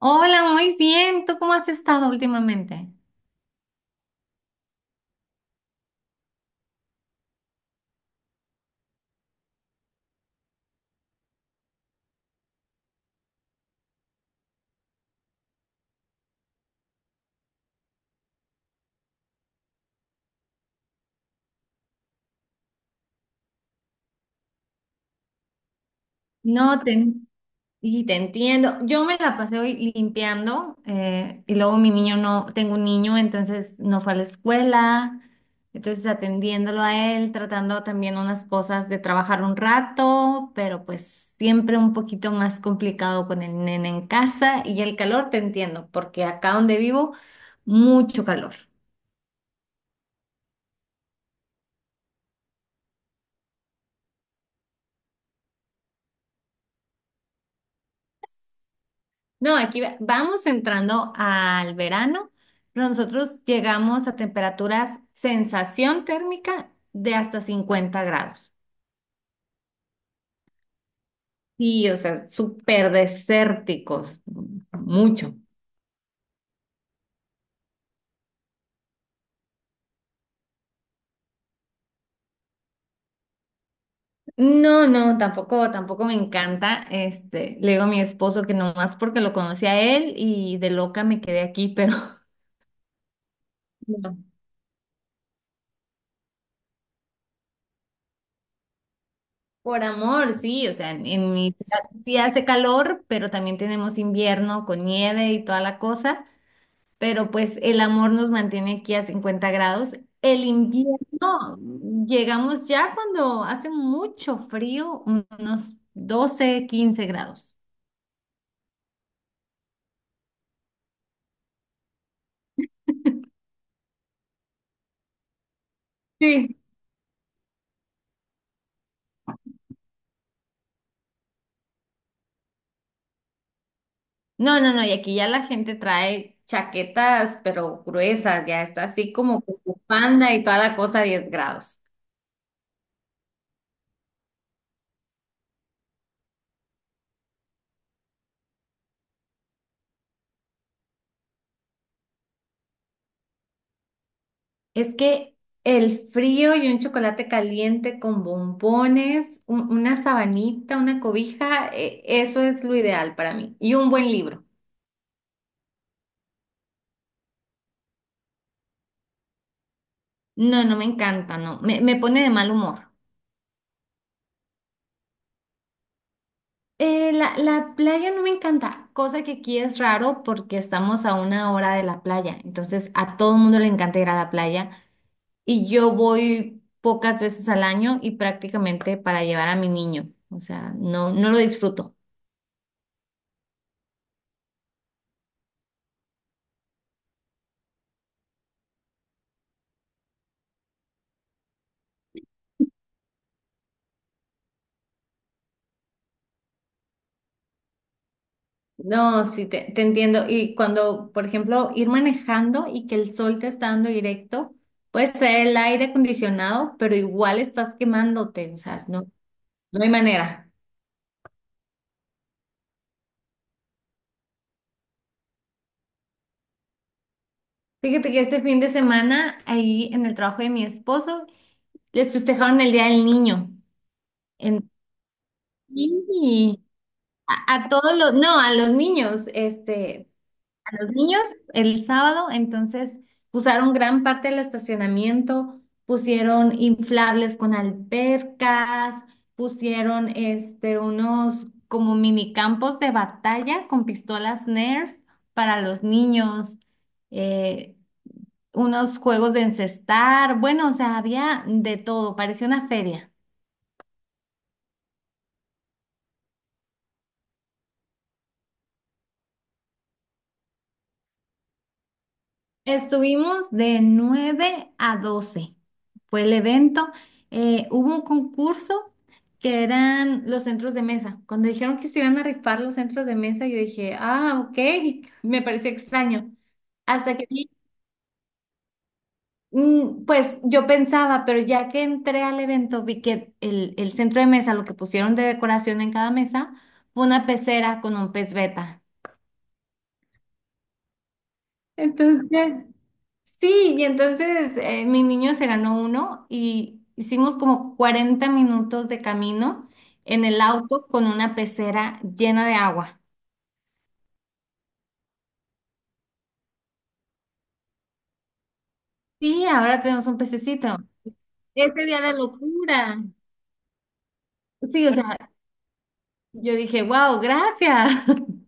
Hola, muy bien. ¿Tú cómo has estado últimamente? No, y te entiendo. Yo me la pasé hoy limpiando y luego mi niño no, tengo un niño, entonces no fue a la escuela, entonces atendiéndolo a él, tratando también unas cosas de trabajar un rato, pero pues siempre un poquito más complicado con el nene en casa y el calor, te entiendo, porque acá donde vivo, mucho calor. No, aquí vamos entrando al verano, pero nosotros llegamos a temperaturas sensación térmica de hasta 50 grados. Y, o sea, súper desérticos, mucho. No, no, tampoco, tampoco me encanta. Este, le digo a mi esposo que nomás porque lo conocí a él y de loca me quedé aquí, pero no. Por amor, sí, o sea, en mi ciudad sí hace calor, pero también tenemos invierno con nieve y toda la cosa. Pero pues el amor nos mantiene aquí a 50 grados. El invierno, llegamos ya cuando hace mucho frío, unos 12 15 grados. Sí. No, no, no, y aquí ya la gente trae chaquetas, pero gruesas, ya está así como con bufanda y toda la cosa a 10 grados. Es que el frío y un chocolate caliente con bombones, una sabanita, una cobija, eso es lo ideal para mí. Y un buen libro. No, no me encanta, no. Me pone de mal humor. La playa no me encanta, cosa que aquí es raro porque estamos a una hora de la playa. Entonces, a todo el mundo le encanta ir a la playa y yo voy pocas veces al año y prácticamente para llevar a mi niño. O sea, no, no lo disfruto. No, sí, te entiendo. Y cuando, por ejemplo, ir manejando y que el sol te está dando directo, puedes traer el aire acondicionado, pero igual estás quemándote. O sea, no, no hay manera. Fíjate que este fin de semana, ahí en el trabajo de mi esposo, les festejaron el Día del Niño. En- y a todos los, no, A los niños el sábado, entonces usaron gran parte del estacionamiento, pusieron inflables con albercas, pusieron unos como minicampos de batalla con pistolas Nerf para los niños. Eh, Unos juegos de encestar, bueno, o sea, había de todo, parecía una feria. Estuvimos de 9 a 12 fue el evento. Hubo un concurso que eran los centros de mesa. Cuando dijeron que se iban a rifar los centros de mesa, yo dije, ah, ok, me pareció extraño. Hasta que vi, pues yo pensaba, pero ya que entré al evento, vi que el centro de mesa, lo que pusieron de decoración en cada mesa, fue una pecera con un pez beta. Entonces, sí, y entonces mi niño se ganó uno y hicimos como 40 minutos de camino en el auto con una pecera llena de agua. Sí, ahora tenemos un pececito. Ese día de locura. Sí, o sea, yo dije, wow, gracias.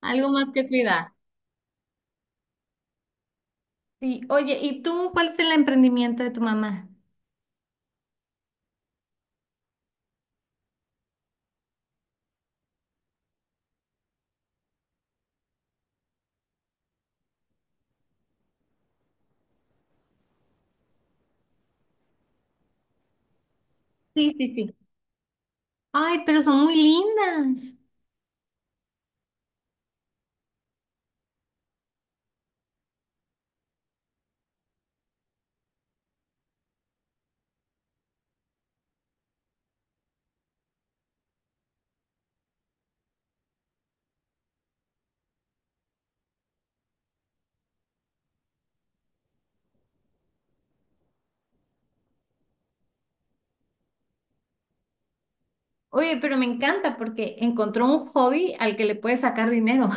Algo más que cuidar. Sí, oye, ¿y tú cuál es el emprendimiento de tu mamá? Sí, sí, sí. Ay, pero son muy lindas. Oye, pero me encanta porque encontró un hobby al que le puede sacar dinero.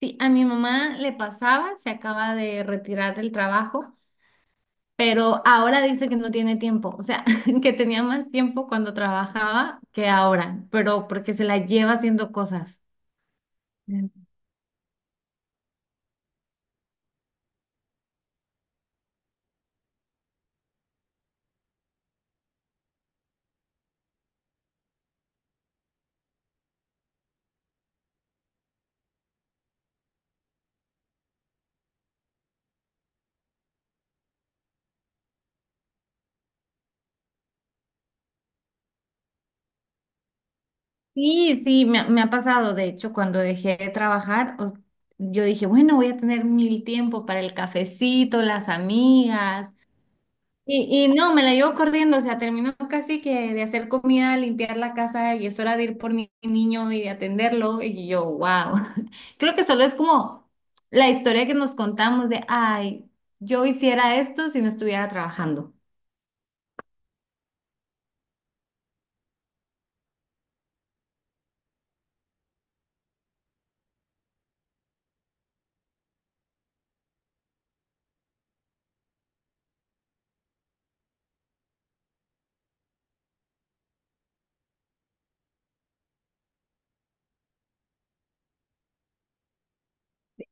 Sí, a mi mamá le pasaba, se acaba de retirar del trabajo, pero ahora dice que no tiene tiempo, o sea, que tenía más tiempo cuando trabajaba que ahora, pero porque se la lleva haciendo cosas. Mm. Sí, sí, me ha pasado, de hecho, cuando dejé de trabajar, yo dije, bueno, voy a tener mil tiempo para el cafecito, las amigas, y no, me la llevo corriendo, o sea, termino casi que de hacer comida, limpiar la casa y es hora de ir por mi niño y de atenderlo. Y yo, wow. Creo que solo es como la historia que nos contamos de, ay, yo hiciera esto si no estuviera trabajando.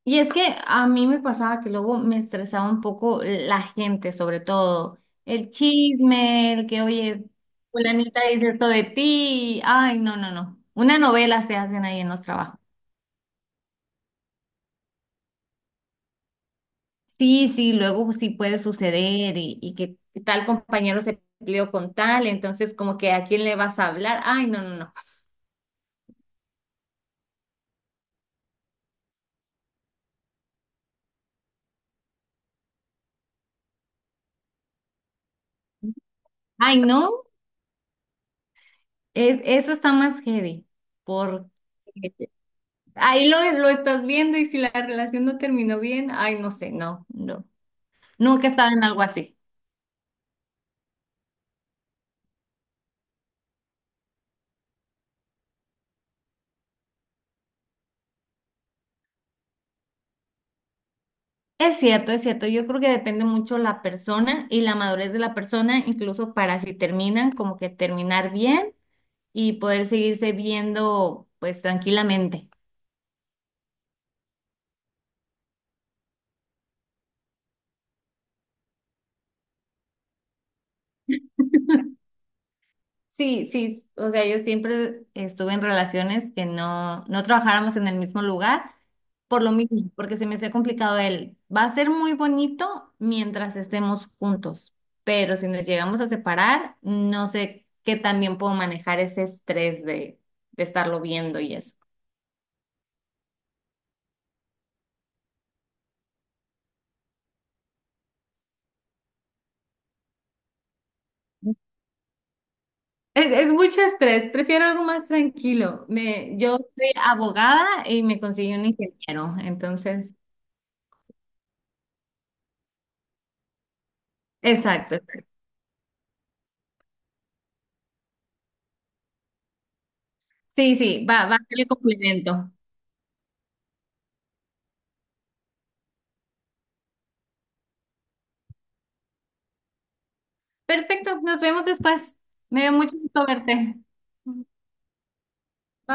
Y es que a mí me pasaba que luego me estresaba un poco la gente, sobre todo el chisme, el que, oye, fulanita dice esto de ti. Ay, no, no, no. Una novela se hacen ahí en los trabajos. Sí, sí, luego sí puede suceder y que tal compañero se peleó con tal, entonces como que a quién le vas a hablar. Ay, no, no, no. Ay, no, eso está más heavy, porque ahí lo estás viendo y si la relación no terminó bien, ay, no sé, no, no. Nunca estaba en algo así. Es cierto, es cierto. Yo creo que depende mucho la persona y la madurez de la persona, incluso para si terminan, como que terminar bien y poder seguirse viendo pues tranquilamente. Sí, sí, o sea, yo siempre estuve en relaciones que no, no trabajáramos en el mismo lugar por lo mismo, porque se me hacía complicado él. Va a ser muy bonito mientras estemos juntos, pero si nos llegamos a separar, no sé qué también puedo manejar ese estrés de estarlo viendo y eso. Es mucho estrés, prefiero algo más tranquilo. Yo soy abogada y me conseguí un ingeniero, entonces, exacto. Exacto. Sí, sí, va a ser el complemento. Perfecto, nos vemos después. Me dio mucho gusto verte. Bye.